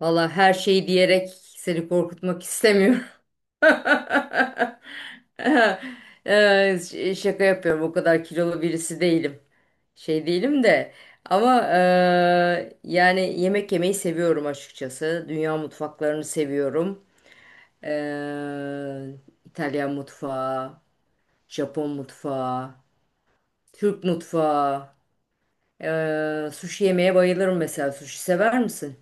Valla her şeyi diyerek seni korkutmak istemiyorum. Şaka yapıyorum. O kadar kilolu birisi değilim. Şey değilim de. Ama yani yemek yemeyi seviyorum açıkçası. Dünya mutfaklarını seviyorum. Eee, İtalyan mutfağı, Japon mutfağı, Türk mutfağı. Sushi yemeye bayılırım mesela. Sushi sever misin?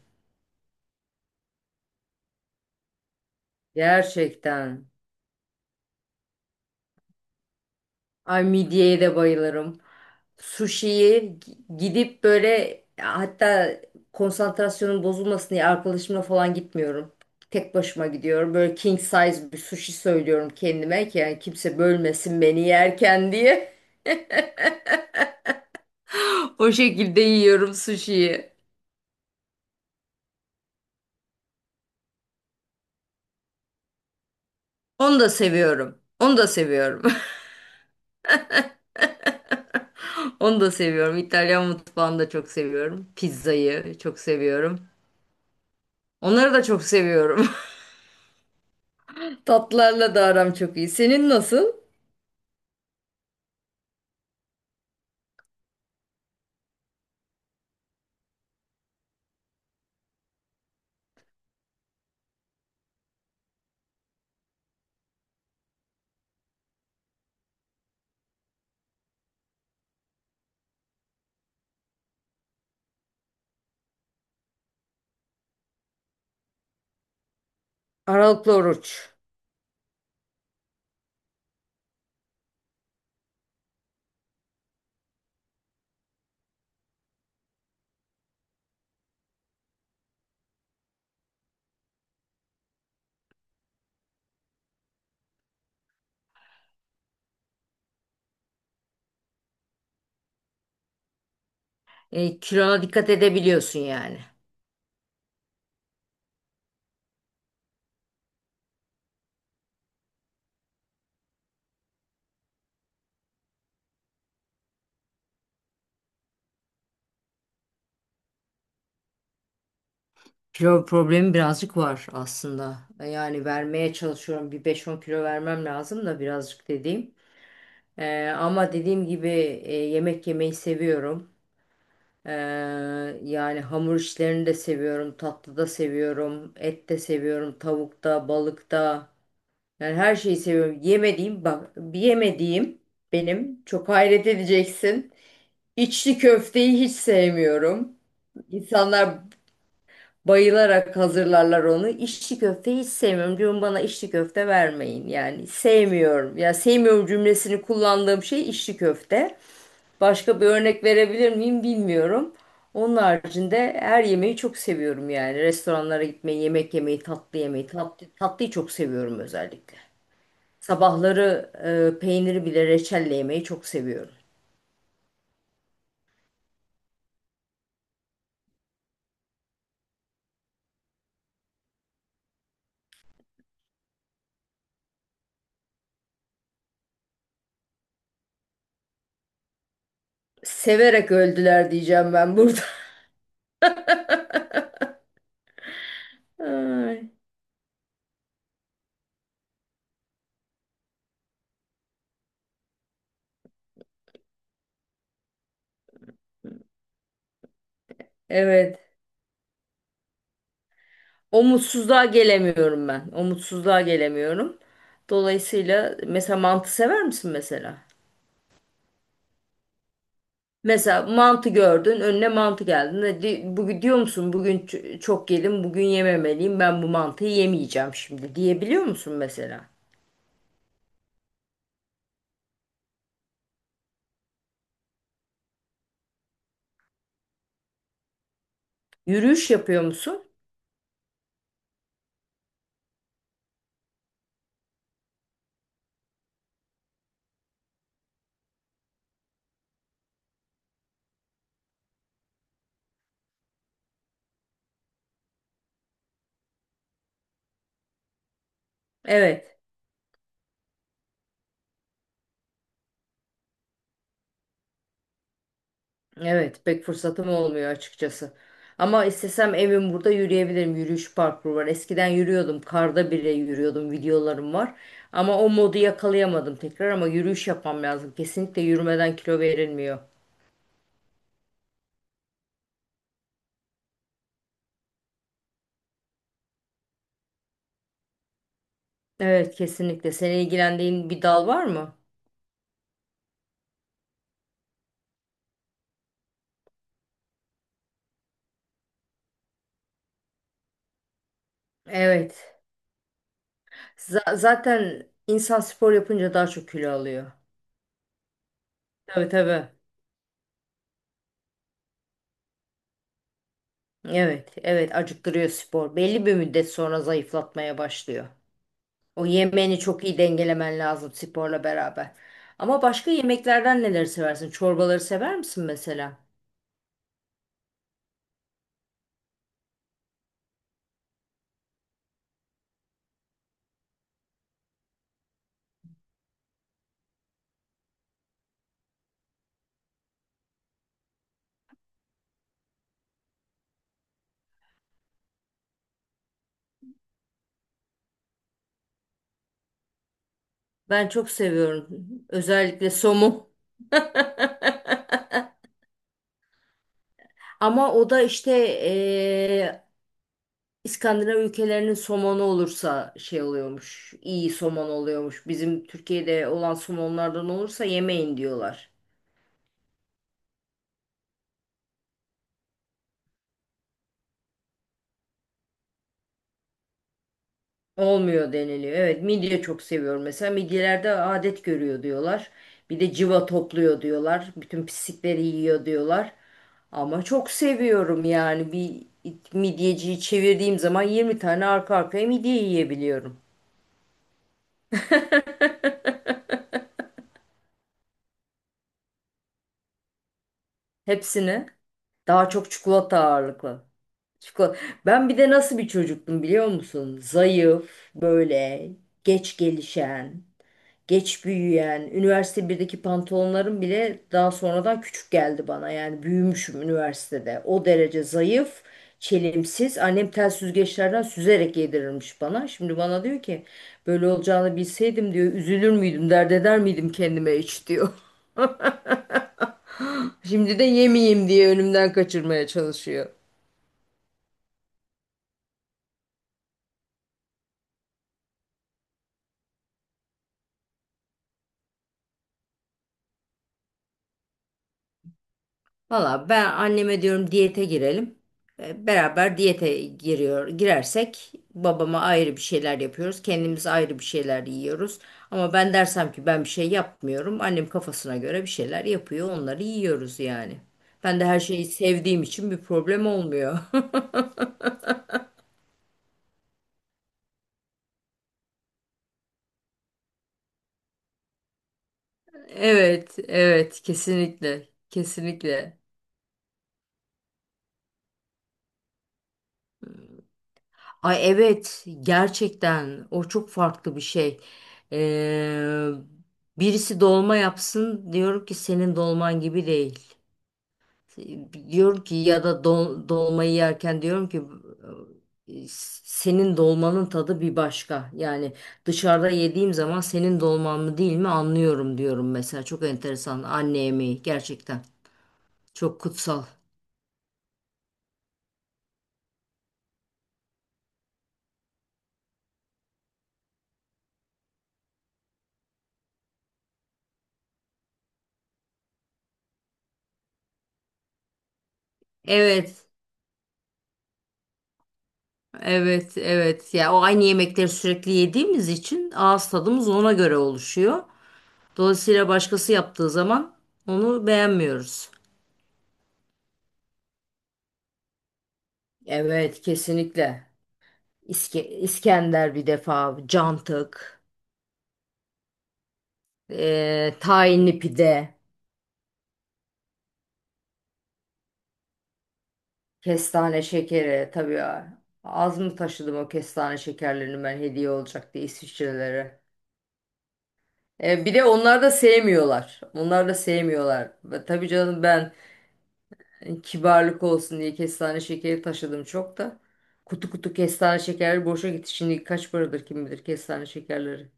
Gerçekten. Ay midyeye de bayılırım. Sushi'yi gidip böyle hatta konsantrasyonun bozulmasın diye arkadaşımla falan gitmiyorum. Tek başıma gidiyorum. Böyle king size bir sushi söylüyorum kendime ki yani kimse bölmesin beni yerken diye. O şekilde yiyorum sushi'yi. Onu da seviyorum. Onu da seviyorum. Onu da seviyorum. İtalyan mutfağını da çok seviyorum. Pizzayı çok seviyorum. Onları da çok seviyorum. Tatlarla da aram çok iyi. Senin nasıl? Aralıklı oruç. Kilona dikkat edebiliyorsun yani. Kilo problemi birazcık var aslında. Yani vermeye çalışıyorum. Bir beş on kilo vermem lazım da birazcık dediğim. Ama dediğim gibi yemek yemeyi seviyorum. E, Yani hamur işlerini de seviyorum. Tatlı da seviyorum. Et de seviyorum. Tavukta, balıkta. Yani her şeyi seviyorum. Yemediğim, bak, bir yemediğim benim, çok hayret edeceksin. İçli köfteyi hiç sevmiyorum. İnsanlar bayılarak hazırlarlar onu. İçli köfte hiç sevmiyorum. Diyorum bana içli köfte vermeyin. Yani sevmiyorum. Ya sevmiyorum cümlesini kullandığım şey içli köfte. Başka bir örnek verebilir miyim bilmiyorum. Onun haricinde her yemeği çok seviyorum yani. Restoranlara gitmeyi, yemek yemeyi, tatlı yemeyi, tatlı, tatlıyı çok seviyorum özellikle. Sabahları peyniri bile reçelle yemeyi çok seviyorum. Severek öldüler diyeceğim ben burada. Ay, evet. O mutsuzluğa gelemiyorum ben. O mutsuzluğa gelemiyorum. Dolayısıyla mesela mantı sever misin mesela? Mesela mantı gördün, önüne mantı geldi. Bugün diyor musun? Bugün çok yedim, bugün yememeliyim. Ben bu mantıyı yemeyeceğim şimdi diyebiliyor musun mesela? Yürüyüş yapıyor musun? Evet. Evet, pek fırsatım olmuyor açıkçası. Ama istesem evim burada yürüyebilirim. Yürüyüş parkuru var. Eskiden yürüyordum. Karda bile yürüyordum. Videolarım var. Ama o modu yakalayamadım tekrar ama yürüyüş yapmam lazım. Kesinlikle yürümeden kilo verilmiyor. Evet, kesinlikle. Seni ilgilendiğin bir dal var mı? Evet. Zaten insan spor yapınca daha çok kilo alıyor. Tabii tabii. Evet, evet, acıktırıyor spor. Belli bir müddet sonra zayıflatmaya başlıyor. O yemeğini çok iyi dengelemen lazım sporla beraber. Ama başka yemeklerden neleri seversin? Çorbaları sever misin mesela? Ben çok seviyorum. Özellikle somun. Ama o da işte eee, İskandinav ülkelerinin somonu olursa şey oluyormuş. İyi somon oluyormuş. Bizim Türkiye'de olan somonlardan olursa yemeyin diyorlar. Olmuyor deniliyor. Evet, midye çok seviyorum mesela. Midyelerde adet görüyor diyorlar. Bir de civa topluyor diyorlar. Bütün pislikleri yiyor diyorlar. Ama çok seviyorum yani bir midyeciyi çevirdiğim zaman 20 tane arka arkaya midye yiyebiliyorum. Hepsini. Daha çok çikolata ağırlıklı. Çikolata. Ben bir de nasıl bir çocuktum biliyor musun? Zayıf, böyle geç gelişen, geç büyüyen, üniversite birdeki pantolonlarım bile daha sonradan küçük geldi bana. Yani büyümüşüm üniversitede. O derece zayıf, çelimsiz. Annem tel süzgeçlerden süzerek yedirirmiş bana. Şimdi bana diyor ki böyle olacağını bilseydim diyor üzülür müydüm, dert eder miydim kendime hiç diyor. Şimdi de yemeyeyim diye önümden kaçırmaya çalışıyor. Valla ben anneme diyorum diyete girelim. Beraber diyete giriyor, girersek babama ayrı bir şeyler yapıyoruz. Kendimiz ayrı bir şeyler yiyoruz. Ama ben dersem ki ben bir şey yapmıyorum. Annem kafasına göre bir şeyler yapıyor. Onları yiyoruz yani. Ben de her şeyi sevdiğim için bir problem olmuyor. Evet, evet, kesinlikle, kesinlikle. Ay evet gerçekten o çok farklı bir şey. Ee, Birisi dolma yapsın diyorum ki senin dolman gibi değil. Diyorum ki ya da dolmayı yerken diyorum ki "E, senin dolmanın tadı bir başka. Yani dışarıda yediğim zaman senin dolman mı değil mi anlıyorum diyorum mesela. Çok enteresan anne yemeği gerçekten çok kutsal. Evet. Evet, evet. Ya o aynı yemekleri sürekli yediğimiz için ağız tadımız ona göre oluşuyor. Dolayısıyla başkası yaptığı zaman onu beğenmiyoruz. Evet, kesinlikle. İskender bir defa, cantık, tahinli pide, kestane şekeri. Tabii ya, az mı taşıdım o kestane şekerlerini ben hediye olacak diye İsviçrelere. Bir de onlar da sevmiyorlar. Onlar da sevmiyorlar. Ve tabii canım ben hani kibarlık olsun diye kestane şekeri taşıdım çok da. Kutu kutu kestane şekerleri boşa gitti. Şimdi kaç paradır kim bilir kestane şekerleri.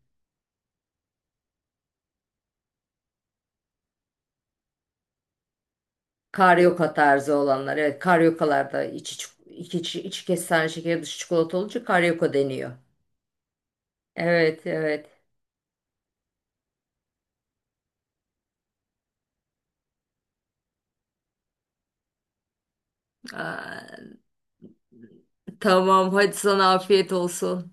Karyoka tarzı olanlar. Evet karyokalarda içi kestane şekeri dışı çikolata olunca karyoka deniyor. Evet evet. Aa, tamam hadi sana afiyet olsun.